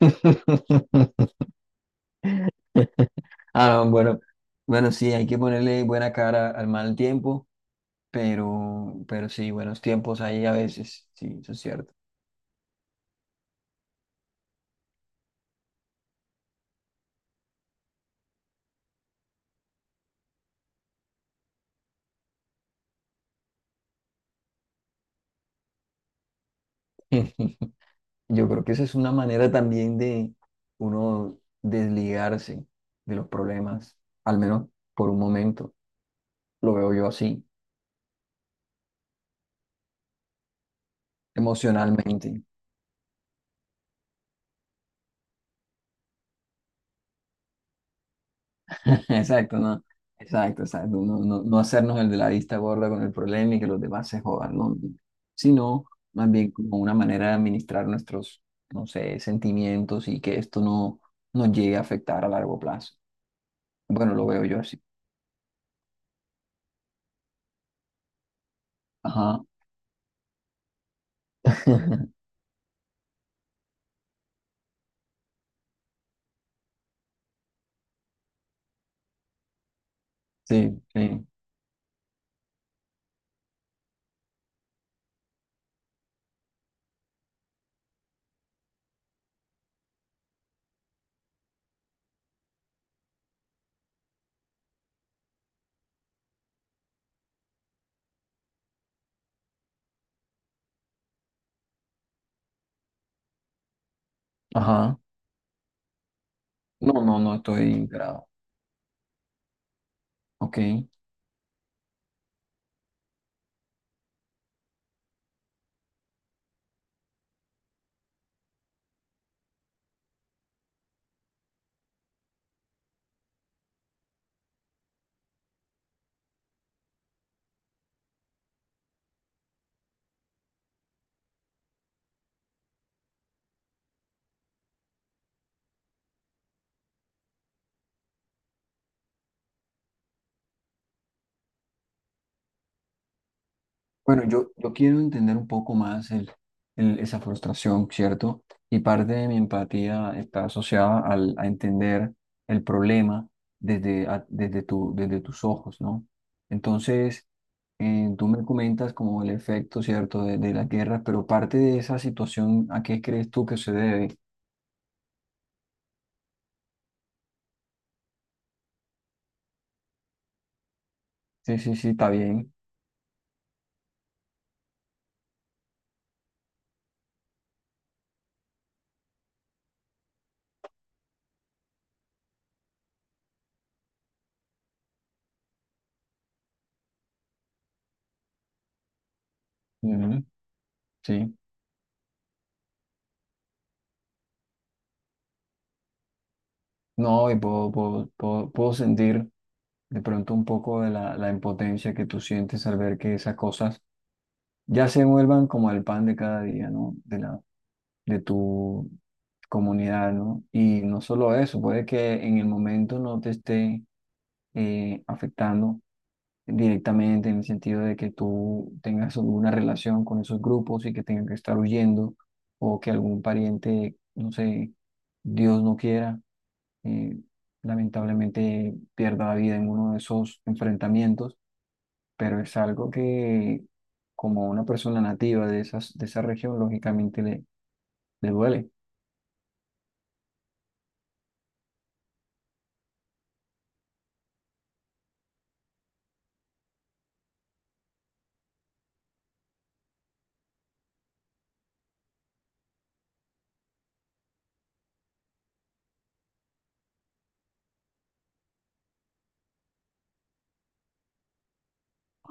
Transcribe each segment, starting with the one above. Ah, no, bueno, bueno, sí, hay que ponerle buena cara al mal tiempo, pero sí, buenos tiempos hay a veces, sí, eso es cierto. Yo creo que esa es una manera también de uno desligarse de los problemas, al menos por un momento, lo veo yo así, emocionalmente. Exacto, ¿no? Exacto, exacto. No, no, no hacernos el de la vista gorda con el problema y que los demás se jodan, ¿no? Sino más bien como una manera de administrar nuestros, no sé, sentimientos y que esto no nos llegue a afectar a largo plazo. Bueno, lo veo yo así. Ajá. Sí, sí. Ajá. No, no, no estoy enterado. Ok. Bueno, yo quiero entender un poco más esa frustración, ¿cierto? Y parte de mi empatía está asociada a entender el problema desde, a- desde, tu, desde tus ojos, ¿no? Entonces, tú me comentas como el efecto, ¿cierto?, de las guerras, pero parte de esa situación, ¿a qué crees tú que se debe? Sí, sí, sí, está bien. Ujú, sí. No, y puedo sentir de pronto un poco de la impotencia que tú sientes al ver que esas cosas ya se vuelvan como el pan de cada día, ¿no? De tu comunidad, ¿no? Y no solo eso, puede que en el momento no te esté afectando directamente en el sentido de que tú tengas alguna relación con esos grupos y que tengan que estar huyendo o que algún pariente, no sé, Dios no quiera, eh, lamentablemente pierda la vida en uno de esos enfrentamientos, pero es algo que como una persona nativa de esas, de esa región, lógicamente le duele.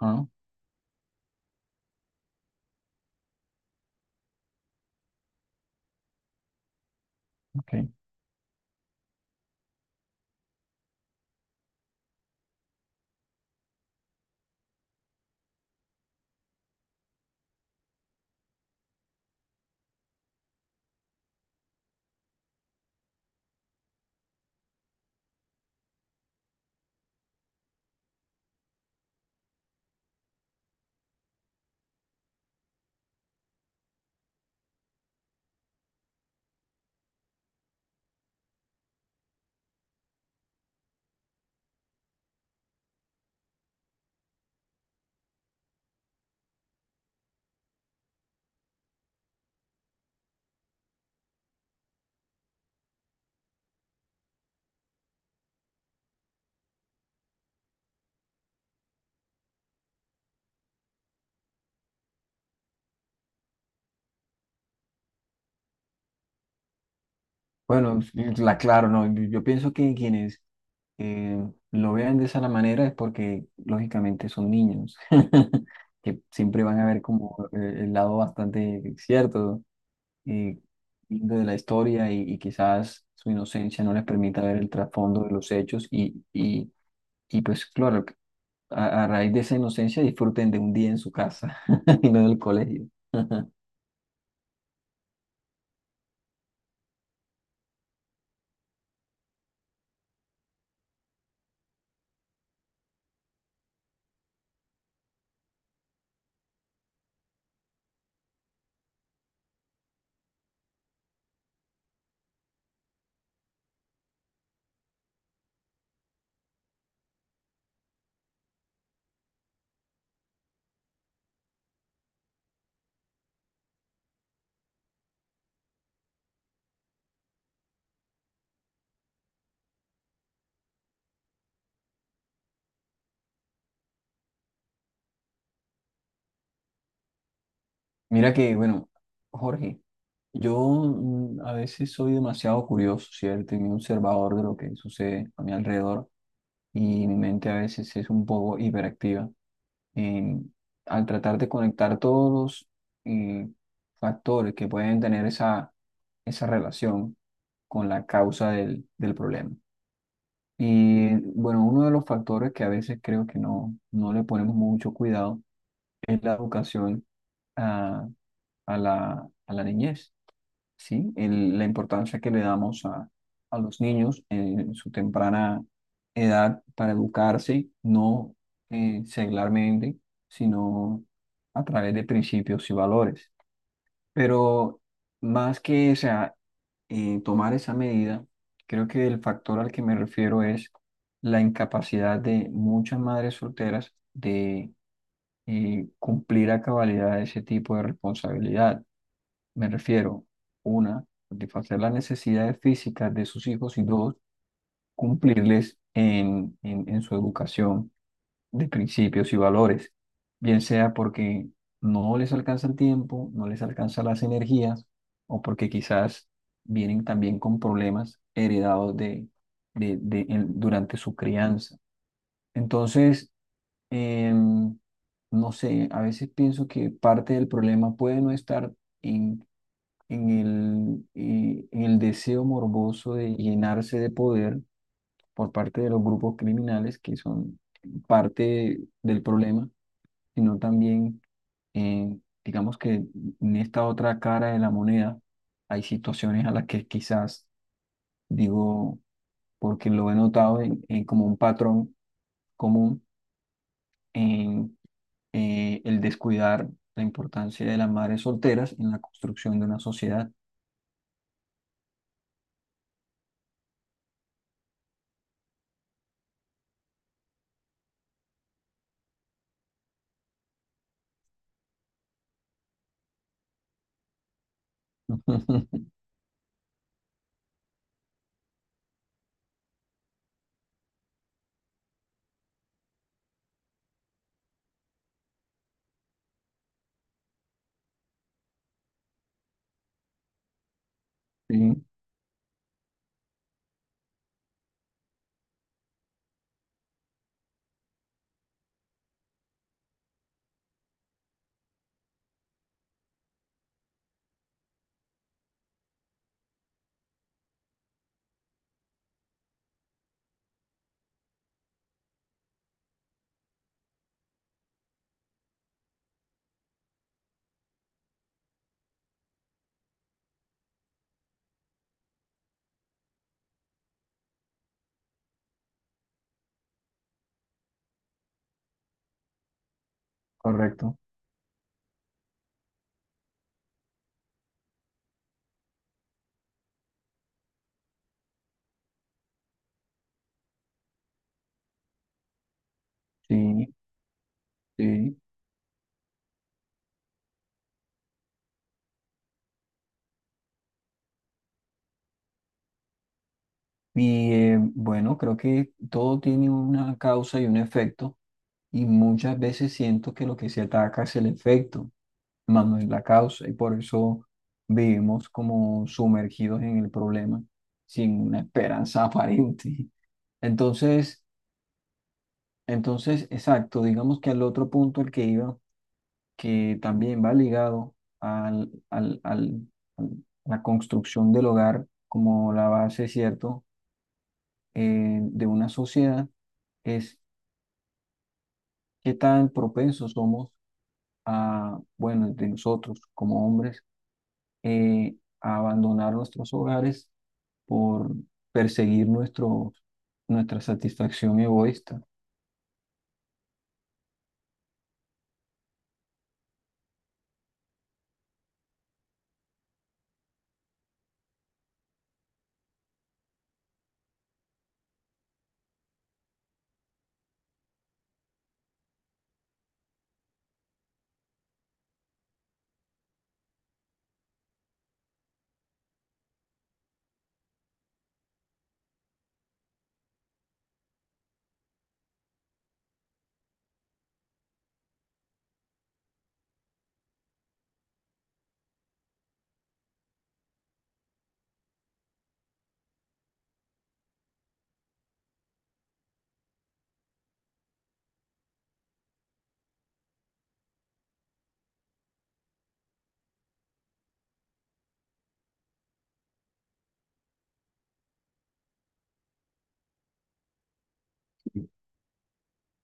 Ah, ok. Bueno, es la claro, no, yo pienso que quienes eh, lo vean de esa la manera es porque lógicamente son niños, que siempre van a ver como el lado bastante cierto, eh, lindo de la historia y quizás su inocencia no les permita ver el trasfondo de los hechos y pues claro, a raíz de esa inocencia disfruten de un día en su casa y no del colegio. Mira que, bueno, Jorge, yo a veces soy demasiado curioso, ¿cierto? Y muy observador de lo que sucede a mi alrededor y mi mente a veces es un poco hiperactiva. En- Al tratar de conectar todos los eh, factores que pueden tener esa relación con la causa del problema. Y bueno, uno de los factores que a veces creo que no le ponemos mucho cuidado es la educación a, a la niñez, ¿sí? La importancia que le damos a los niños en su temprana edad para educarse, no seglarmente, sino a través de principios y valores. Pero más que, o sea, tomar esa medida, creo que el factor al que me refiero es la incapacidad de muchas madres solteras de cumplir a cabalidad ese tipo de responsabilidad. Me refiero, una, satisfacer las necesidades físicas de sus hijos y dos, cumplirles en, en su educación de principios y valores, bien sea porque no les alcanza el tiempo, no les alcanza las energías, o porque quizás vienen también con problemas heredados durante su crianza. Entonces, em, no sé, a veces pienso que parte del problema puede no estar en, en el deseo morboso de llenarse de poder por parte de los grupos criminales que son parte del problema, sino también, eh, digamos que en esta otra cara de la moneda hay situaciones a las que quizás digo, porque lo he notado en, como un patrón común en el descuidar la importancia de las madres solteras en la construcción de una sociedad. Sí, correcto. Sí, sí. Y bueno, creo que todo tiene una causa y un efecto, y muchas veces siento que lo que se ataca es el efecto, más no es la causa y por eso vivimos como sumergidos en el problema sin una esperanza aparente. Entonces, entonces, exacto, digamos que al otro punto al que iba, que también va ligado al- a la construcción del hogar como la base, ¿cierto?, de una sociedad, es qué tan propensos somos a, bueno, de nosotros como hombres, eh, a abandonar nuestros hogares por perseguir nuestra satisfacción egoísta.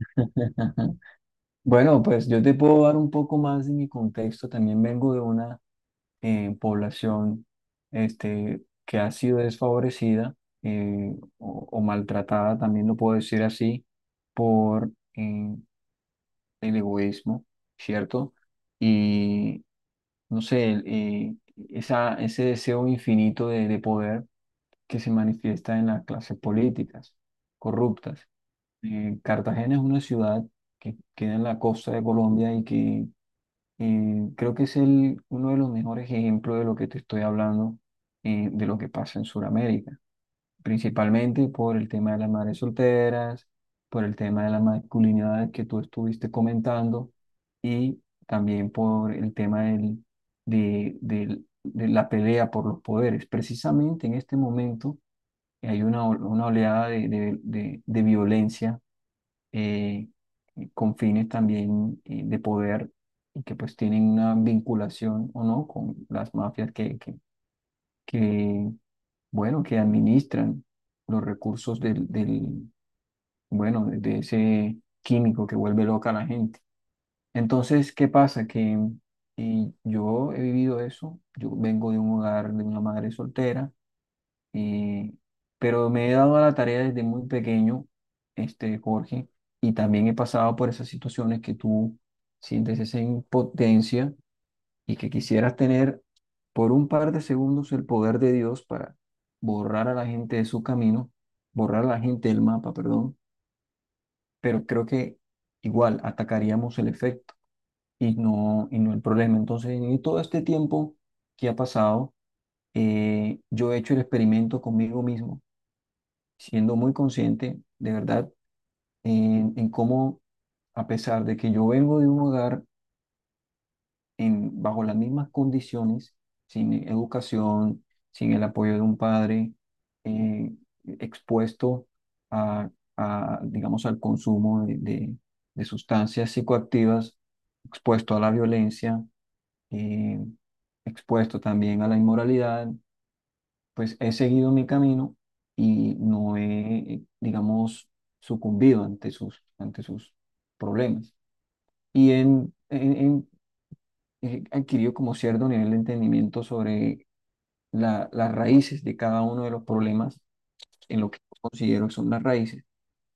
Bueno, pues yo te puedo dar un poco más de mi contexto. También vengo de una población este, que ha sido desfavorecida o maltratada, también lo puedo decir así, por el egoísmo, ¿cierto? Y no sé, ese deseo infinito de poder. Que se manifiesta en las clases políticas corruptas. Cartagena es una ciudad que queda en la costa de Colombia y que creo que es el, uno de los mejores ejemplos de lo que te estoy hablando, de lo que pasa en Sudamérica, principalmente por el tema de las madres solteras, por el tema de la masculinidad que tú estuviste comentando y también por el tema de la pelea por los poderes. Precisamente en este momento hay una oleada de violencia, eh, con fines también de poder y que pues tienen una vinculación o no con las mafias que, bueno, que administran los recursos bueno, de ese químico que vuelve loca a la gente. Entonces, ¿qué pasa? Que y yo he vivido eso, yo vengo de un hogar de una madre soltera. Eh, pero me he dado a la tarea desde muy pequeño, este, Jorge, y también he pasado por esas situaciones que tú sientes esa impotencia y que quisieras tener por un par de segundos el poder de Dios para borrar a la gente de su camino, borrar a la gente del mapa, perdón, pero creo que igual atacaríamos el efecto y no el problema. Entonces, en todo este tiempo que ha pasado, yo he hecho el experimento conmigo mismo siendo muy consciente, de verdad, en cómo, a pesar de que yo vengo de un hogar en, bajo las mismas condiciones, sin educación, sin el apoyo de un padre, eh, expuesto a, digamos, al consumo de sustancias psicoactivas, expuesto a la violencia, eh, expuesto también a la inmoralidad, pues he seguido mi camino y no he, digamos, sucumbido ante sus problemas. Y en, en- en- He adquirido como cierto nivel de entendimiento sobre las raíces de cada uno de los problemas, en lo que yo considero que son las raíces,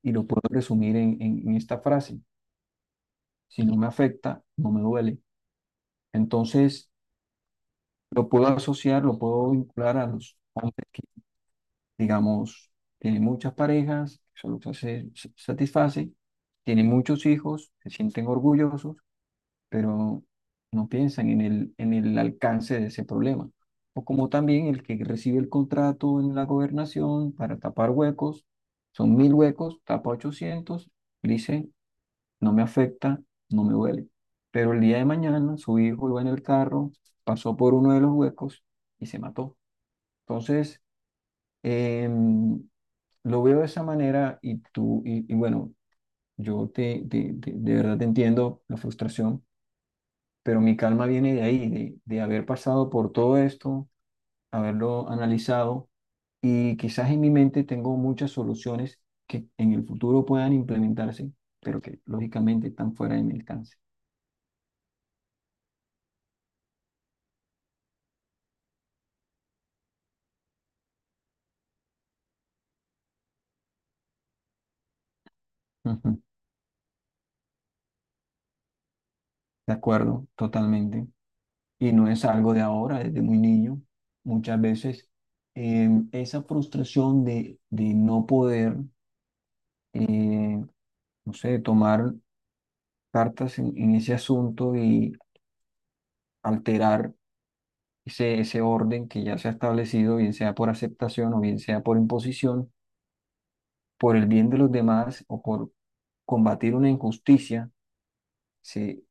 y lo puedo resumir en, en esta frase, si no me afecta, no me duele. Entonces, lo puedo asociar, lo puedo vincular a los hombres que digamos, tiene muchas parejas, solo satisface, tiene muchos hijos, se sienten orgullosos, pero no piensan en el, alcance de ese problema. O como también el que recibe el contrato en la gobernación para tapar huecos, son 1.000 huecos, tapa 800, dice, no me afecta, no me duele. Pero el día de mañana su hijo iba en el carro, pasó por uno de los huecos y se mató. Entonces, Em, lo veo de esa manera y tú, y bueno, yo de verdad te entiendo la frustración, pero mi calma viene de ahí, de haber pasado por todo esto, haberlo analizado y quizás en mi mente tengo muchas soluciones que en el futuro puedan implementarse, pero que lógicamente están fuera de mi alcance. Ujú, de acuerdo, totalmente. Y no es algo de ahora, desde muy niño, muchas veces, esa frustración de, no poder, eh, no sé, tomar cartas en, ese asunto y alterar ese orden que ya se ha establecido, bien sea por aceptación o bien sea por imposición, por el bien de los demás o por combatir una injusticia, se,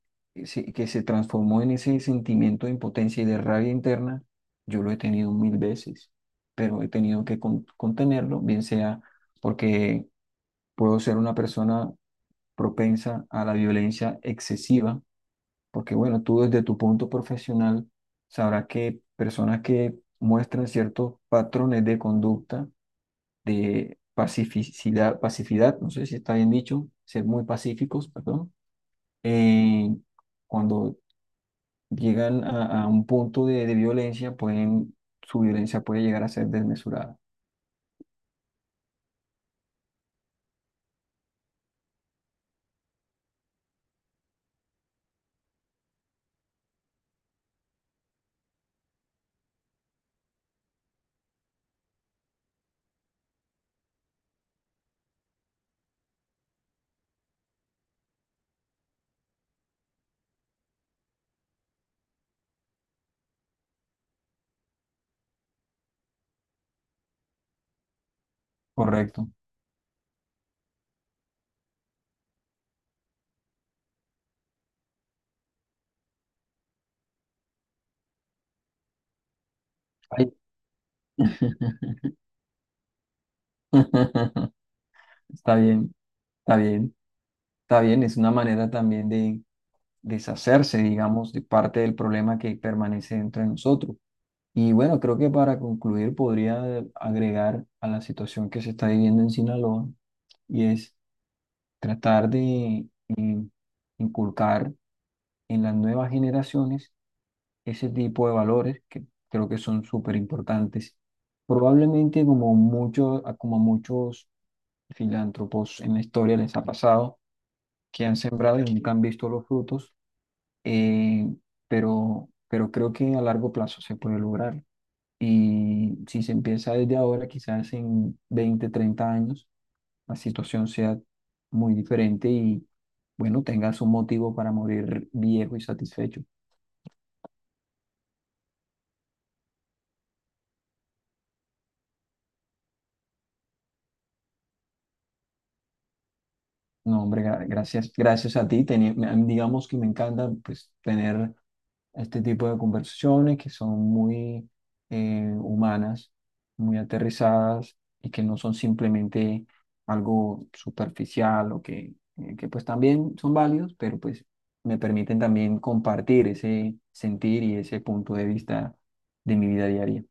que se transformó en ese sentimiento de impotencia y de rabia interna, yo lo he tenido mil veces, pero he tenido que contenerlo, bien sea porque puedo ser una persona propensa a la violencia excesiva, porque bueno, tú desde tu punto profesional sabrás que personas que muestran ciertos patrones de conducta, de pacificidad, pacificidad, no sé si está bien dicho, ser muy pacíficos, perdón, eh, cuando llegan a un punto de violencia, su violencia puede llegar a ser desmesurada. Correcto. Ay. Está bien, está bien, está bien. Es una manera también de deshacerse, digamos, de parte del problema que permanece dentro de nosotros. Y bueno, creo que para concluir podría agregar a la situación que se está viviendo en Sinaloa y es tratar de eh, inculcar en las nuevas generaciones ese tipo de valores que creo que son súper importantes. Probablemente como muchos filántropos en la historia les ha pasado, que han sembrado y nunca han visto los frutos, eh, pero creo que a largo plazo se puede lograr. Y si se empieza desde ahora, quizás en 20-30 años, la situación sea muy diferente y, bueno, tengas un motivo para morir viejo y satisfecho. No, hombre, gracias, gracias a ti. Digamos que me encanta pues, tener este tipo de conversaciones que son muy humanas, muy aterrizadas y que no son simplemente algo superficial o que pues también son válidos, pero pues me permiten también compartir ese sentir y ese punto de vista de mi vida diaria.